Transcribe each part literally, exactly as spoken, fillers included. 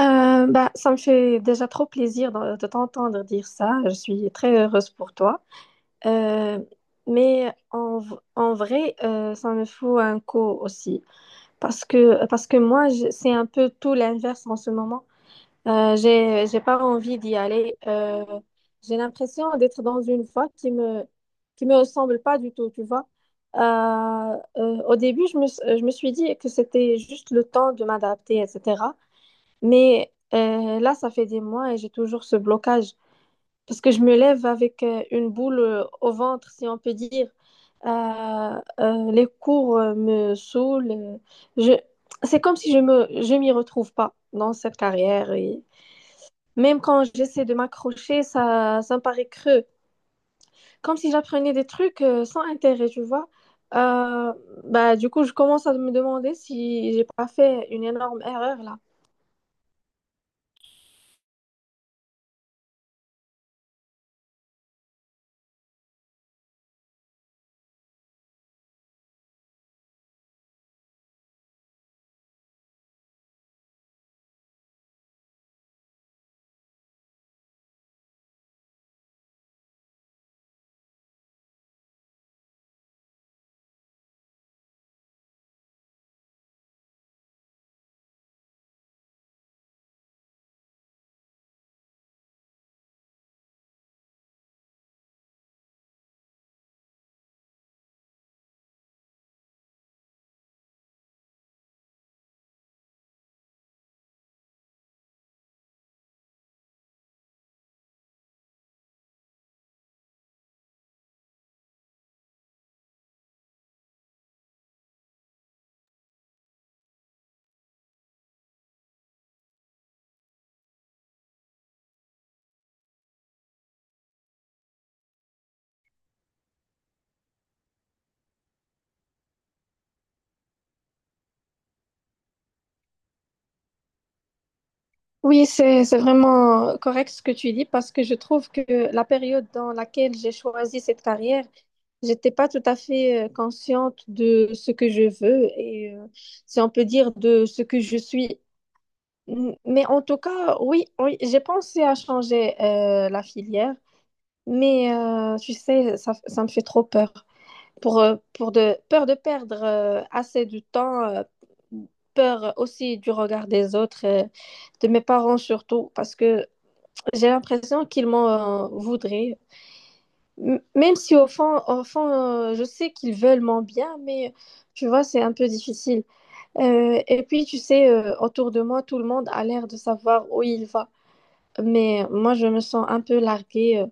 Euh, bah, ça me fait déjà trop plaisir de, de t'entendre dire ça. Je suis très heureuse pour toi. Euh, mais en, v- en vrai, euh, ça me faut un coup aussi. Parce que, parce que moi, je- c'est un peu tout l'inverse en ce moment. Euh, j'ai, j'ai pas envie d'y aller. Euh, j'ai l'impression d'être dans une voie qui me, qui me ressemble pas du tout, tu vois. Euh, euh, au début, je me, je me suis dit que c'était juste le temps de m'adapter, et cetera. Mais euh, là, ça fait des mois et j'ai toujours ce blocage parce que je me lève avec euh, une boule euh, au ventre, si on peut dire. Euh, euh, les cours euh, me saoulent. euh, Je... C'est comme si je me... je m'y retrouve pas dans cette carrière. Et... Même quand j'essaie de m'accrocher, ça... ça me paraît creux. Comme si j'apprenais des trucs euh, sans intérêt, tu vois. Euh, bah, du coup, je commence à me demander si j'ai pas fait une énorme erreur là. Oui, c'est c'est vraiment correct ce que tu dis, parce que je trouve que la période dans laquelle j'ai choisi cette carrière, j'étais pas tout à fait euh, consciente de ce que je veux et euh, si on peut dire de ce que je suis. M- Mais en tout cas, oui, oui, j'ai pensé à changer euh, la filière, mais euh, tu sais, ça, ça me fait trop peur pour euh, pour de peur de perdre euh, assez de temps, euh, peur aussi du regard des autres, euh, de mes parents surtout, parce que j'ai l'impression qu'ils m'en euh, voudraient. M- Même si au fond, au fond euh, je sais qu'ils veulent mon bien, mais tu vois, c'est un peu difficile. Euh, et puis, tu sais, euh, autour de moi, tout le monde a l'air de savoir où il va. Mais moi, je me sens un peu larguée. Euh.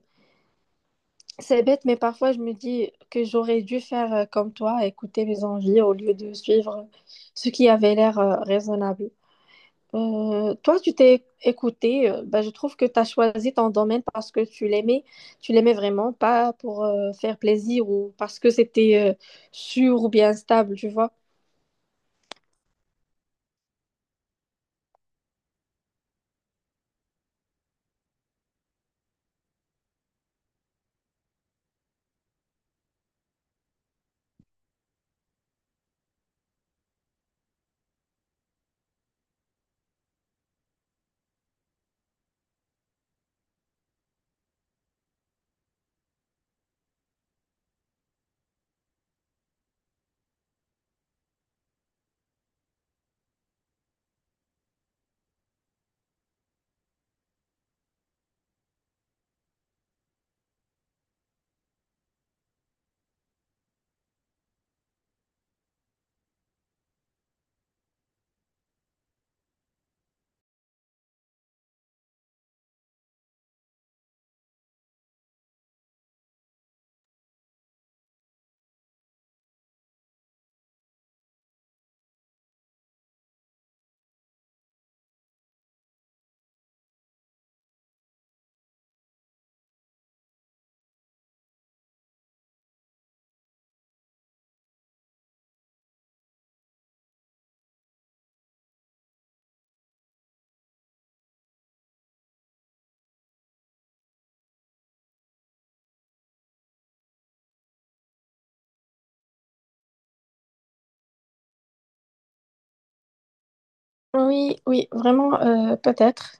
C'est bête, mais parfois, je me dis que j'aurais dû faire euh, comme toi, écouter mes envies au lieu de suivre euh, ce qui avait l'air euh, raisonnable. Euh, toi, tu t'es écouté. Euh, ben, je trouve que tu as choisi ton domaine parce que tu l'aimais, tu l'aimais vraiment, pas pour euh, faire plaisir ou parce que c'était euh, sûr ou bien stable, tu vois. Oui, oui, vraiment, euh, peut-être.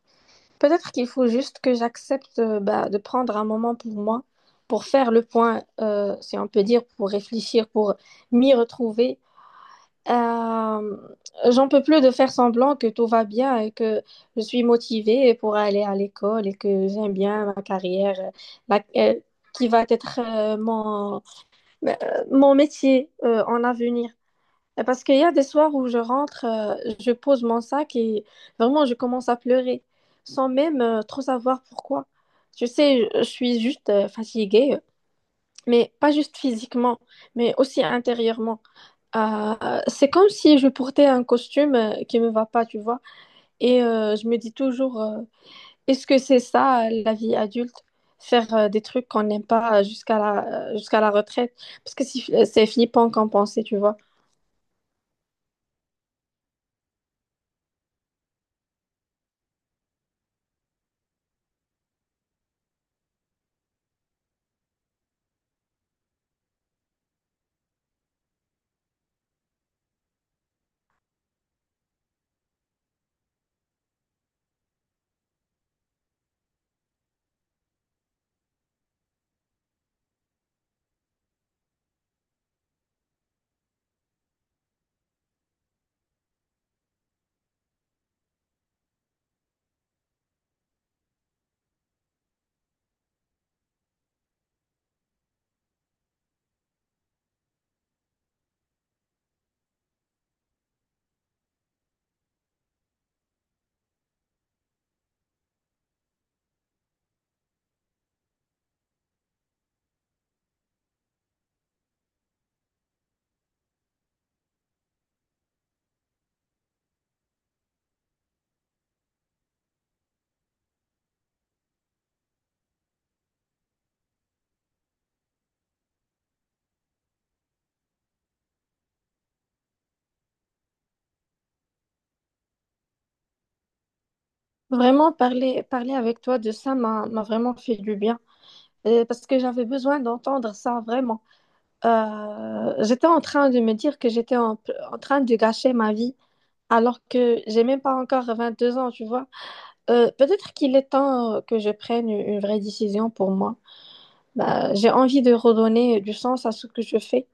Peut-être qu'il faut juste que j'accepte euh, bah, de prendre un moment pour moi, pour faire le point, euh, si on peut dire, pour réfléchir, pour m'y retrouver. Euh, J'en peux plus de faire semblant que tout va bien et que je suis motivée pour aller à l'école et que j'aime bien ma carrière, euh, la- euh, qui va être euh, mon, euh, mon métier euh, en avenir. Et Parce qu'il y a des soirs où je rentre, euh, je pose mon sac et vraiment je commence à pleurer sans même euh, trop savoir pourquoi. Tu sais, je je suis juste euh, fatiguée, mais pas juste physiquement, mais aussi intérieurement. Euh, c'est comme si je portais un costume euh, qui me va pas, tu vois. Et euh, je me dis toujours, euh, est-ce que c'est ça euh, la vie adulte? Faire euh, des trucs qu'on n'aime pas euh, jusqu'à la, euh, jusqu'à la retraite? Parce que c'est c'est flippant qu'en penser, tu vois. Vraiment, parler, parler avec toi de ça m'a m'a vraiment fait du bien. Euh, parce que j'avais besoin d'entendre ça, vraiment. Euh, j'étais en train de me dire que j'étais en en train de gâcher ma vie, alors que j'ai même pas encore vingt-deux ans, tu vois. Euh, peut-être qu'il est temps euh, que je prenne une une vraie décision pour moi. Bah, j'ai envie de redonner du sens à ce que je fais.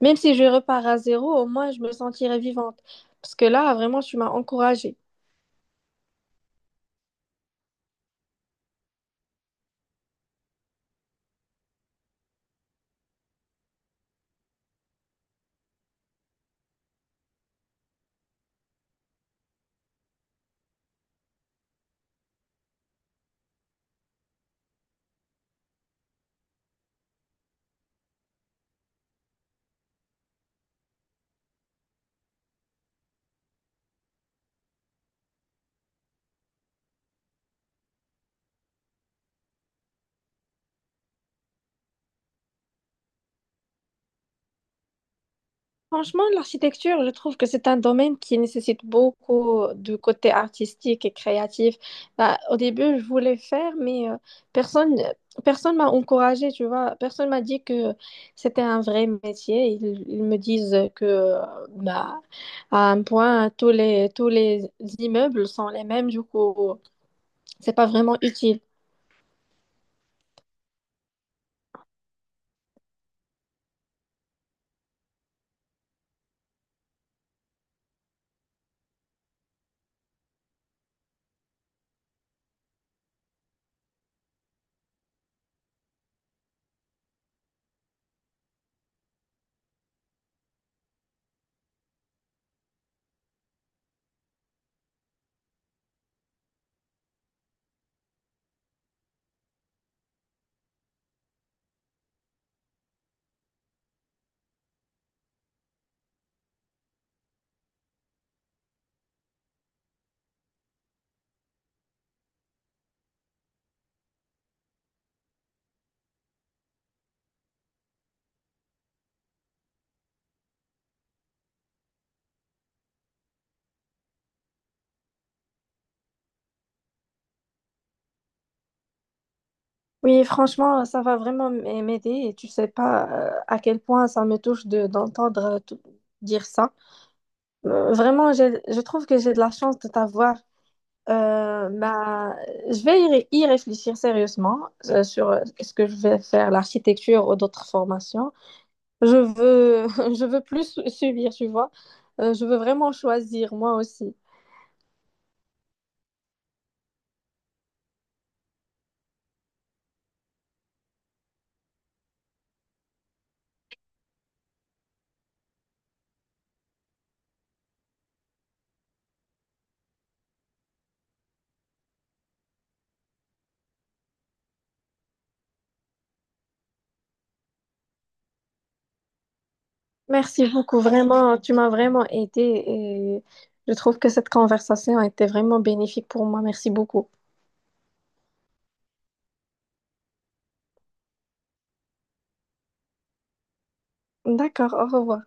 Même si je repars à zéro, au moins je me sentirai vivante. Parce que là, vraiment, tu m'as encouragée. Franchement, l'architecture, je trouve que c'est un domaine qui nécessite beaucoup de côté artistique et créatif. Bah, au début, je voulais faire, mais euh, personne, personne m'a encouragée, tu vois. Personne m'a dit que c'était un vrai métier. Ils, ils me disent que, euh, bah, à un point, tous les, tous les immeubles sont les mêmes, du coup, c'est pas vraiment utile. Oui, franchement, ça va vraiment m- m'aider et tu sais pas euh, à quel point ça me touche de d'entendre euh, tout- dire ça. Euh, Vraiment, j'ai- je trouve que j'ai de la chance de t'avoir. Euh, bah, je vais y, ré- y réfléchir sérieusement euh, sur euh, ce que je vais faire, l'architecture ou d'autres formations. Je veux, je veux plus su- subir, tu vois. Euh, je veux vraiment choisir, moi aussi. Merci beaucoup, vraiment. Tu m'as vraiment aidée et je trouve que cette conversation a été vraiment bénéfique pour moi. Merci beaucoup. D'accord, au revoir.